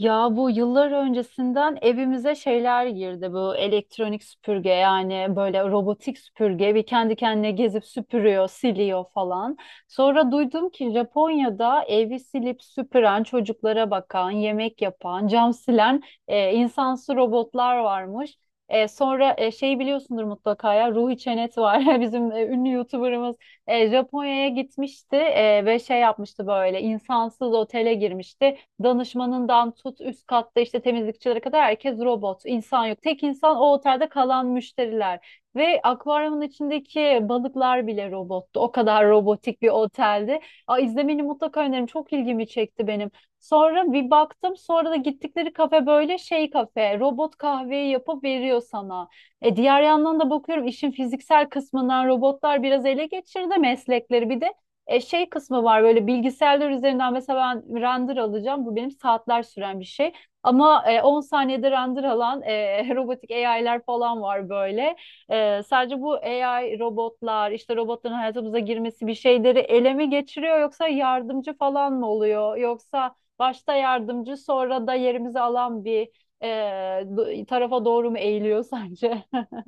Ya bu yıllar öncesinden evimize şeyler girdi bu elektronik süpürge yani böyle robotik süpürge bir kendi kendine gezip süpürüyor, siliyor falan. Sonra duydum ki Japonya'da evi silip süpüren, çocuklara bakan, yemek yapan, cam silen insansı robotlar varmış. Sonra şey biliyorsundur mutlaka ya Ruhi Çenet var bizim ünlü YouTuber'ımız Japonya'ya gitmişti ve şey yapmıştı böyle insansız otele girmişti. Danışmanından tut üst katta işte temizlikçilere kadar herkes robot. İnsan yok. Tek insan o otelde kalan müşteriler. Ve akvaryumun içindeki balıklar bile robottu. O kadar robotik bir oteldi. Aa, izlemeni mutlaka öneririm. Çok ilgimi çekti benim. Sonra bir baktım, sonra da gittikleri kafe böyle şey kafe robot kahveyi yapıp veriyor sana. E diğer yandan da bakıyorum işin fiziksel kısmından robotlar biraz ele geçirdi meslekleri, bir de şey kısmı var böyle bilgisayarlar üzerinden mesela ben render alacağım. Bu benim saatler süren bir şey. Ama 10 saniyede render alan robotik AI'ler falan var böyle. E, sadece bu AI robotlar işte robotların hayatımıza girmesi bir şeyleri ele mi geçiriyor yoksa yardımcı falan mı oluyor? Yoksa başta yardımcı sonra da yerimizi alan bir e, tarafa doğru mu eğiliyor sence?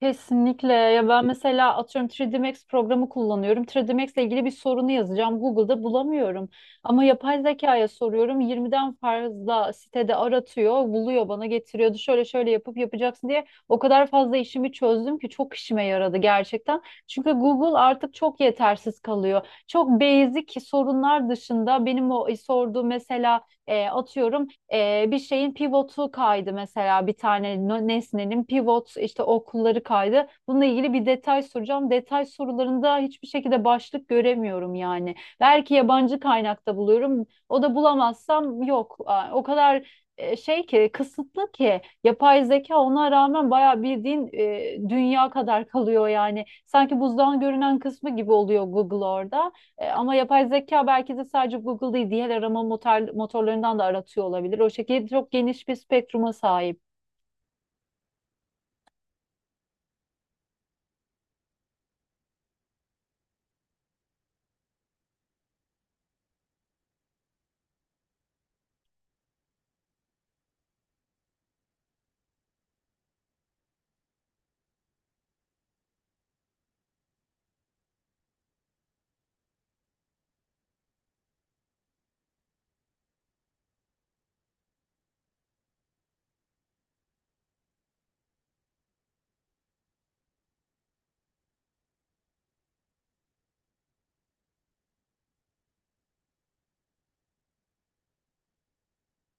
Kesinlikle. Ya ben mesela atıyorum 3D Max programı kullanıyorum. 3D Max ile ilgili bir sorunu yazacağım. Google'da bulamıyorum. Ama yapay zekaya soruyorum. 20'den fazla sitede aratıyor, buluyor bana getiriyordu. Şöyle şöyle yapıp yapacaksın diye o kadar fazla işimi çözdüm ki çok işime yaradı gerçekten. Çünkü Google artık çok yetersiz kalıyor. Çok basic sorunlar dışında benim o sorduğu mesela atıyorum bir şeyin pivotu kaydı, mesela bir tane nesnenin pivot işte okulları kaydı. Bununla ilgili bir detay soracağım. Detay sorularında hiçbir şekilde başlık göremiyorum yani. Belki yabancı kaynakta buluyorum. O da bulamazsam yok. Aa, o kadar şey ki, kısıtlı ki yapay zeka ona rağmen bayağı bildiğin dünya kadar kalıyor yani. Sanki buzdan görünen kısmı gibi oluyor Google orada. E, ama yapay zeka belki de sadece Google değil diğer arama motorlarından da aratıyor olabilir. O şekilde çok geniş bir spektruma sahip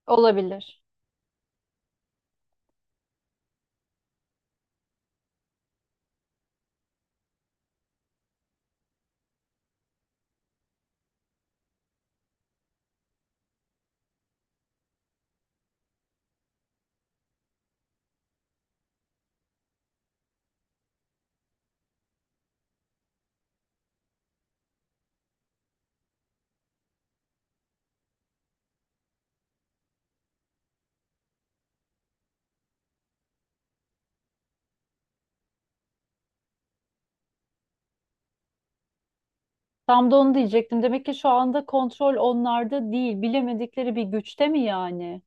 olabilir. Tam da onu diyecektim. Demek ki şu anda kontrol onlarda değil. Bilemedikleri bir güçte mi yani?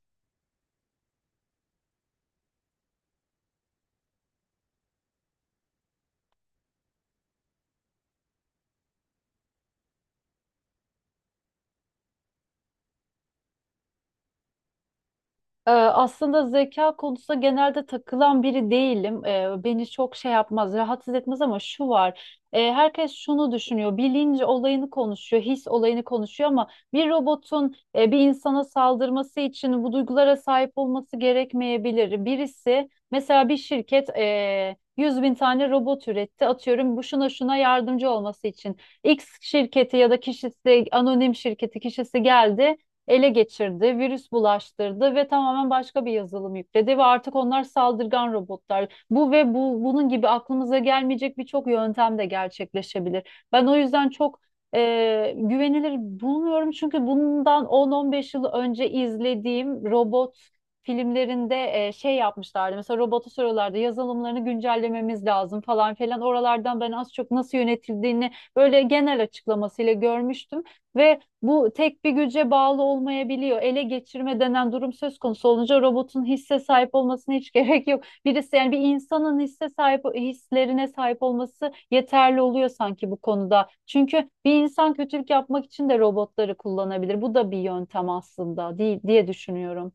Aslında zeka konusunda genelde takılan biri değilim. Beni çok şey yapmaz, rahatsız etmez ama şu var. Herkes şunu düşünüyor. Bilinç olayını konuşuyor, his olayını konuşuyor ama bir robotun bir insana saldırması için bu duygulara sahip olması gerekmeyebilir. Birisi mesela bir şirket 100 bin tane robot üretti. Atıyorum bu şuna şuna yardımcı olması için. X şirketi ya da kişisi, anonim şirketi kişisi geldi, ele geçirdi, virüs bulaştırdı ve tamamen başka bir yazılım yükledi ve artık onlar saldırgan robotlar. Bu ve bu bunun gibi aklımıza gelmeyecek birçok yöntem de gerçekleşebilir. Ben o yüzden çok güvenilir bulmuyorum çünkü bundan 10-15 yıl önce izlediğim robot filmlerinde şey yapmışlardı. Mesela robotu soruyorlardı, yazılımlarını güncellememiz lazım falan filan. Oralardan ben az çok nasıl yönetildiğini böyle genel açıklamasıyla görmüştüm ve bu tek bir güce bağlı olmayabiliyor. Ele geçirme denen durum söz konusu olunca robotun hisse sahip olmasına hiç gerek yok. Birisi, yani bir insanın hisse sahip hislerine sahip olması yeterli oluyor sanki bu konuda. Çünkü bir insan kötülük yapmak için de robotları kullanabilir. Bu da bir yöntem aslında, değil diye düşünüyorum.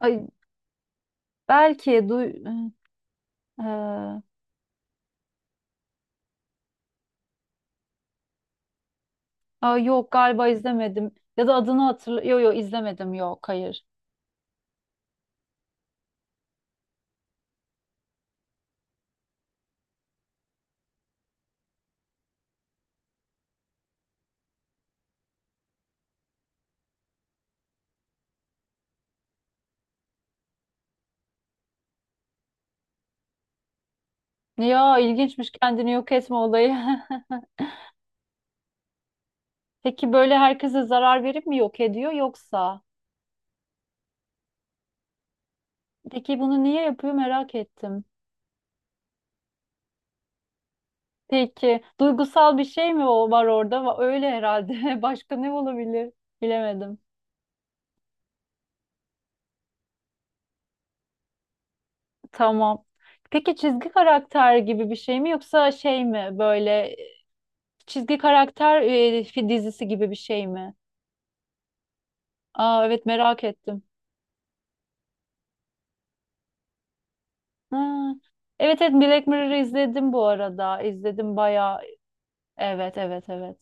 Ay, belki du Ee, aa, yok galiba izlemedim. Ya da adını hatırla. Yok yok izlemedim. Yok hayır. Ya ilginçmiş kendini yok etme olayı. Peki böyle herkese zarar verip mi yok ediyor yoksa? Peki bunu niye yapıyor, merak ettim. Peki duygusal bir şey mi o var orada? Va- öyle herhalde. Başka ne olabilir? Bilemedim. Tamam. Peki çizgi karakter gibi bir şey mi yoksa şey mi böyle çizgi karakter dizisi gibi bir şey mi? Aa evet merak ettim. Ha. Evet evet Black Mirror'ı izledim bu arada. İzledim bayağı. Evet evet evet.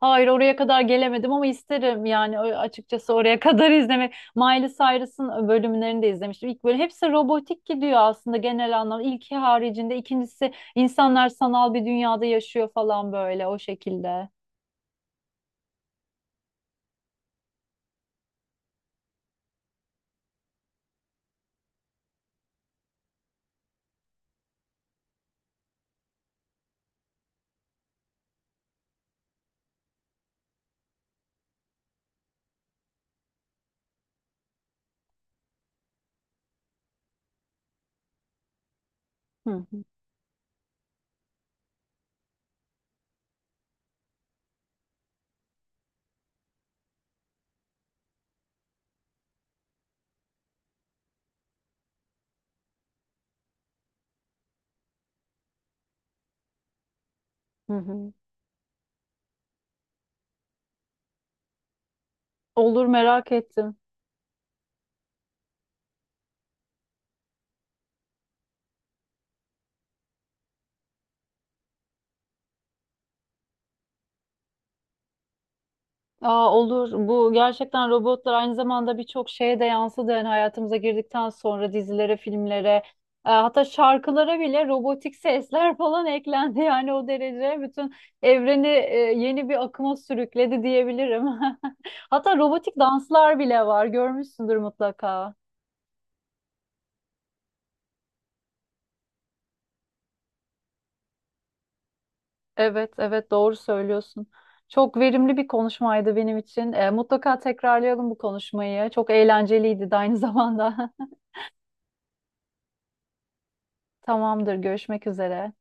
Hayır oraya kadar gelemedim ama isterim yani ö- açıkçası oraya kadar izlemek. Miley Cyrus'ın bölümlerini de izlemiştim. İlk böyle hepsi robotik gidiyor aslında genel anlamda. İlki haricinde ikincisi insanlar sanal bir dünyada yaşıyor falan böyle o şekilde. Hı hı. Hı hı. Olur, merak ettim. Aa, olur. Bu gerçekten robotlar aynı zamanda birçok şeye de yansıdı. Yani hayatımıza girdikten sonra dizilere, filmlere, hatta şarkılara bile robotik sesler falan eklendi. Yani o derece bütün evreni yeni bir akıma sürükledi diyebilirim. Hatta robotik danslar bile var. Görmüşsündür mutlaka. Evet, evet doğru söylüyorsun. Çok verimli bir konuşmaydı benim için. E, mutlaka tekrarlayalım bu konuşmayı. Çok eğlenceliydi de aynı zamanda. Tamamdır, görüşmek üzere.